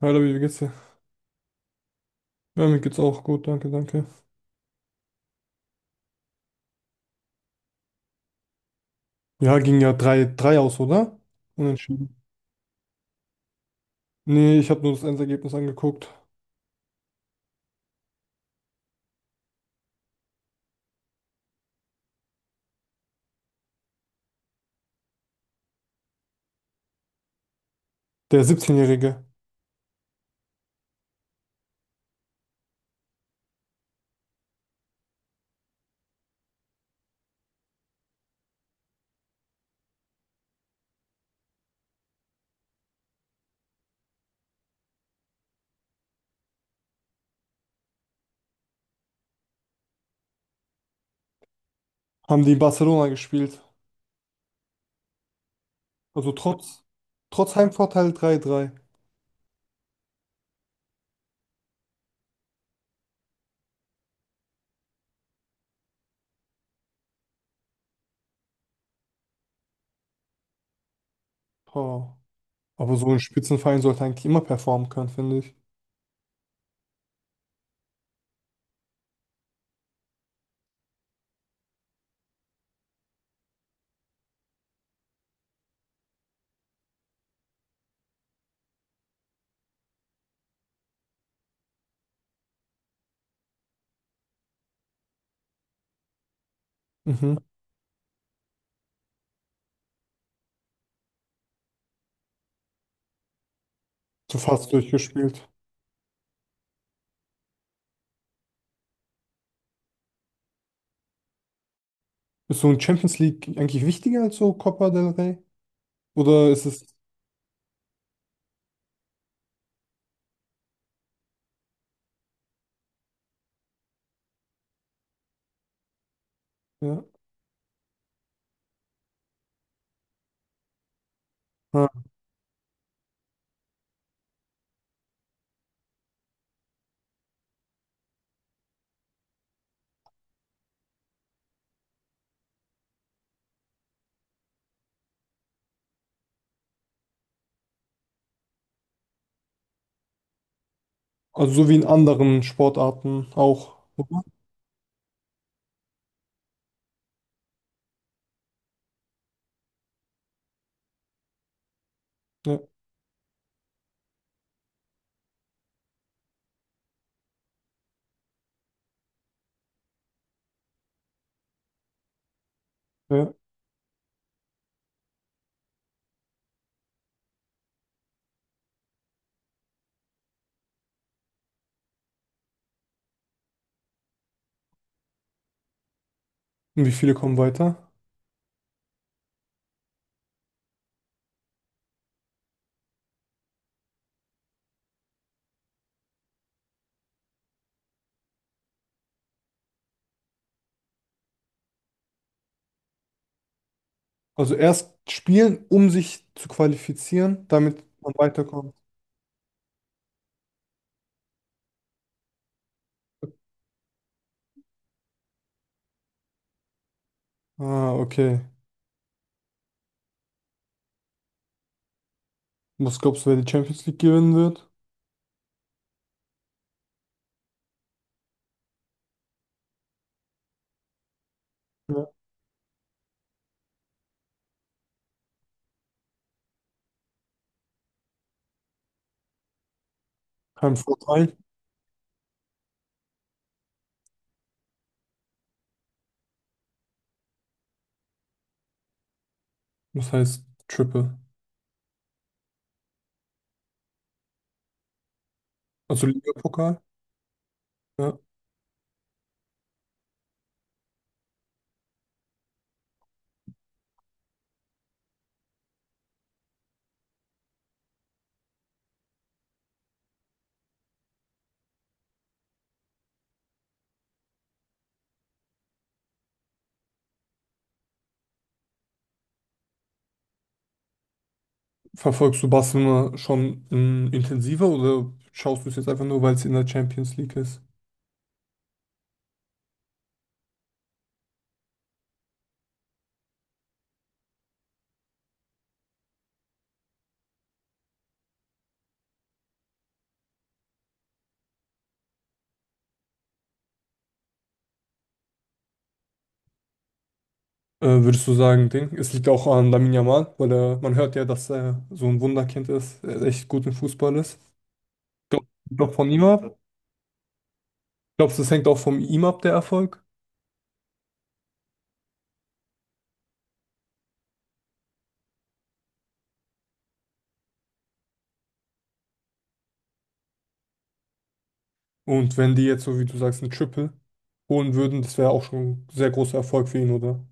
Hallo, wie geht's dir? Ja, mir geht's auch gut, danke, danke. Ja, ging ja 3:3 aus, oder? Unentschieden. Nee, ich habe nur das Endergebnis angeguckt. Der 17-Jährige. Haben die in Barcelona gespielt? Also trotz Heimvorteil 3:3. Oh. Aber so ein Spitzenverein sollte eigentlich immer performen können, finde ich. Mhm. So fast durchgespielt. Ist so ein Champions League eigentlich wichtiger als so Copa del Rey? Oder ist es? Ja. Ja. Also so wie in anderen Sportarten auch, oder? Ja. Ja. Und wie viele kommen weiter? Also erst spielen, um sich zu qualifizieren, damit man weiterkommt. Ah, okay. Was glaubst du, wer die Champions League gewinnen wird? Ja. Kein Vorteil. Das heißt Triple? Also Ligapokal. Ja. Verfolgst du Barcelona schon intensiver oder schaust du es jetzt einfach nur, weil es in der Champions League ist? Würdest du sagen, Ding? Es liegt auch an Lamine Yamal, weil man hört ja, dass er so ein Wunderkind ist, er echt gut im Fußball ist. Glaubst du doch von ihm ab? Glaubst du, das hängt auch von ihm ab, der Erfolg? Und wenn die jetzt, so wie du sagst, ein Triple holen würden, das wäre auch schon ein sehr großer Erfolg für ihn, oder?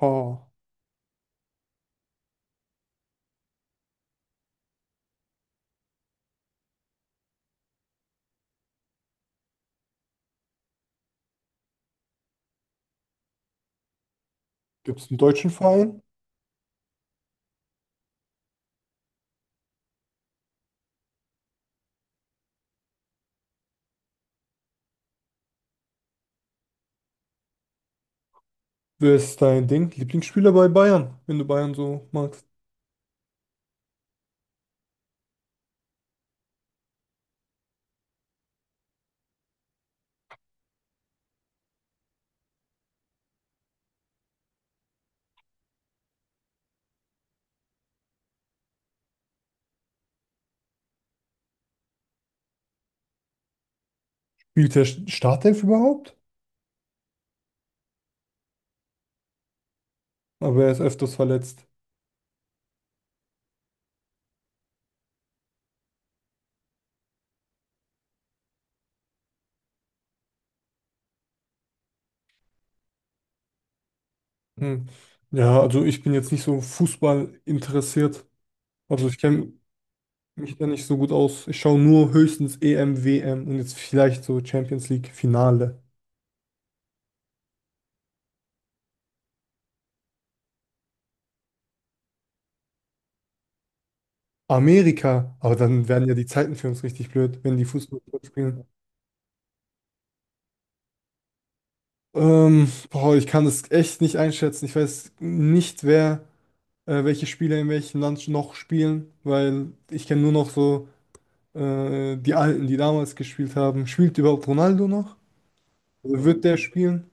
Ha. Gibt es einen deutschen Verein? Wer ist dein Ding? Lieblingsspieler bei Bayern, wenn du Bayern so magst. Spielt der Startelf überhaupt? Aber er ist öfters verletzt. Hm. Ja, also ich bin jetzt nicht so Fußball interessiert. Also ich kenne mich da nicht so gut aus. Ich schaue nur höchstens EM, WM und jetzt vielleicht so Champions League Finale. Amerika, aber dann werden ja die Zeiten für uns richtig blöd, wenn die Fußball spielen. Boah, ich kann das echt nicht einschätzen. Ich weiß nicht, wer, welche Spieler in welchem Land noch spielen, weil ich kenne nur noch so die Alten, die damals gespielt haben. Spielt überhaupt Ronaldo noch? Also wird der spielen?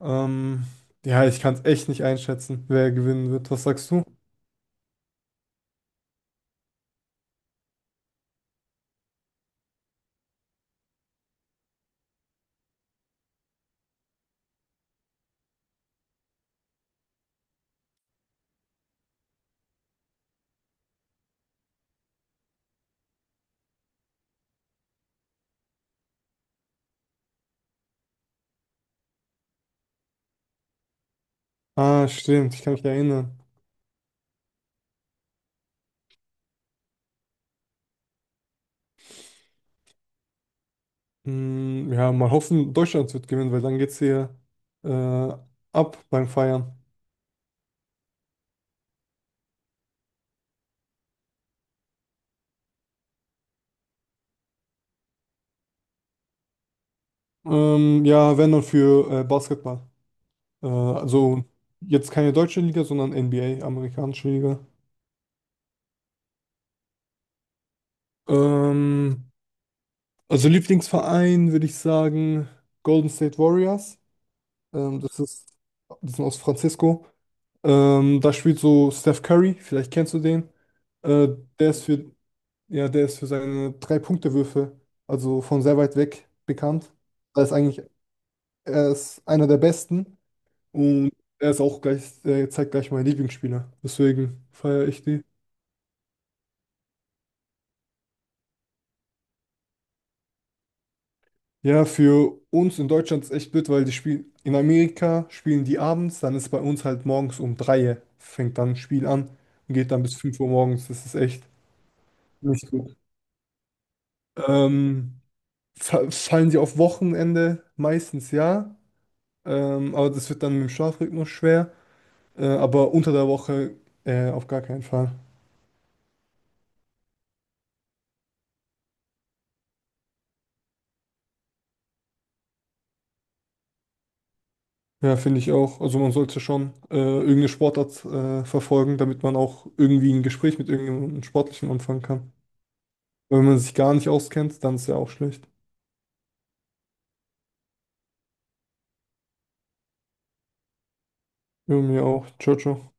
Ähm, ja, ich kann es echt nicht einschätzen, wer gewinnen wird. Was sagst du? Ah, stimmt, ich kann mich erinnern. Ja, mal hoffen, Deutschland wird gewinnen, weil dann geht's hier äh, ab beim Feiern. Ja, wenn dann für Basketball. Also jetzt keine deutsche Liga, sondern NBA, amerikanische Liga. Ähm, also Lieblingsverein würde ich sagen Golden State Warriors. Ähm, das ist, Die sind aus Francisco. Da spielt so Steph Curry, vielleicht kennst du den. Äh, der ist für Ja, der ist für seine Drei-Punkte-Würfe, also von sehr weit weg bekannt. Er ist eigentlich, Er ist einer der Besten und er zeigt gleich mein Lieblingsspieler. Deswegen feiere ich die. Ja, für uns in Deutschland ist echt blöd, weil in Amerika spielen die abends, dann ist bei uns halt morgens um 3 fängt dann ein Spiel an und geht dann bis 5 Uhr morgens. Das ist echt nicht gut. Ähm, Fallen sie auf Wochenende? Meistens ja. Aber das wird dann mit dem Schlafrhythmus schwer. Aber unter der Woche auf gar keinen Fall. Ja, finde ich auch. Also man sollte schon irgendeine Sportart verfolgen, damit man auch irgendwie ein Gespräch mit irgendjemandem Sportlichen anfangen kann. Wenn man sich gar nicht auskennt, dann ist ja auch schlecht. Ja, mir auch. Ciao, ciao.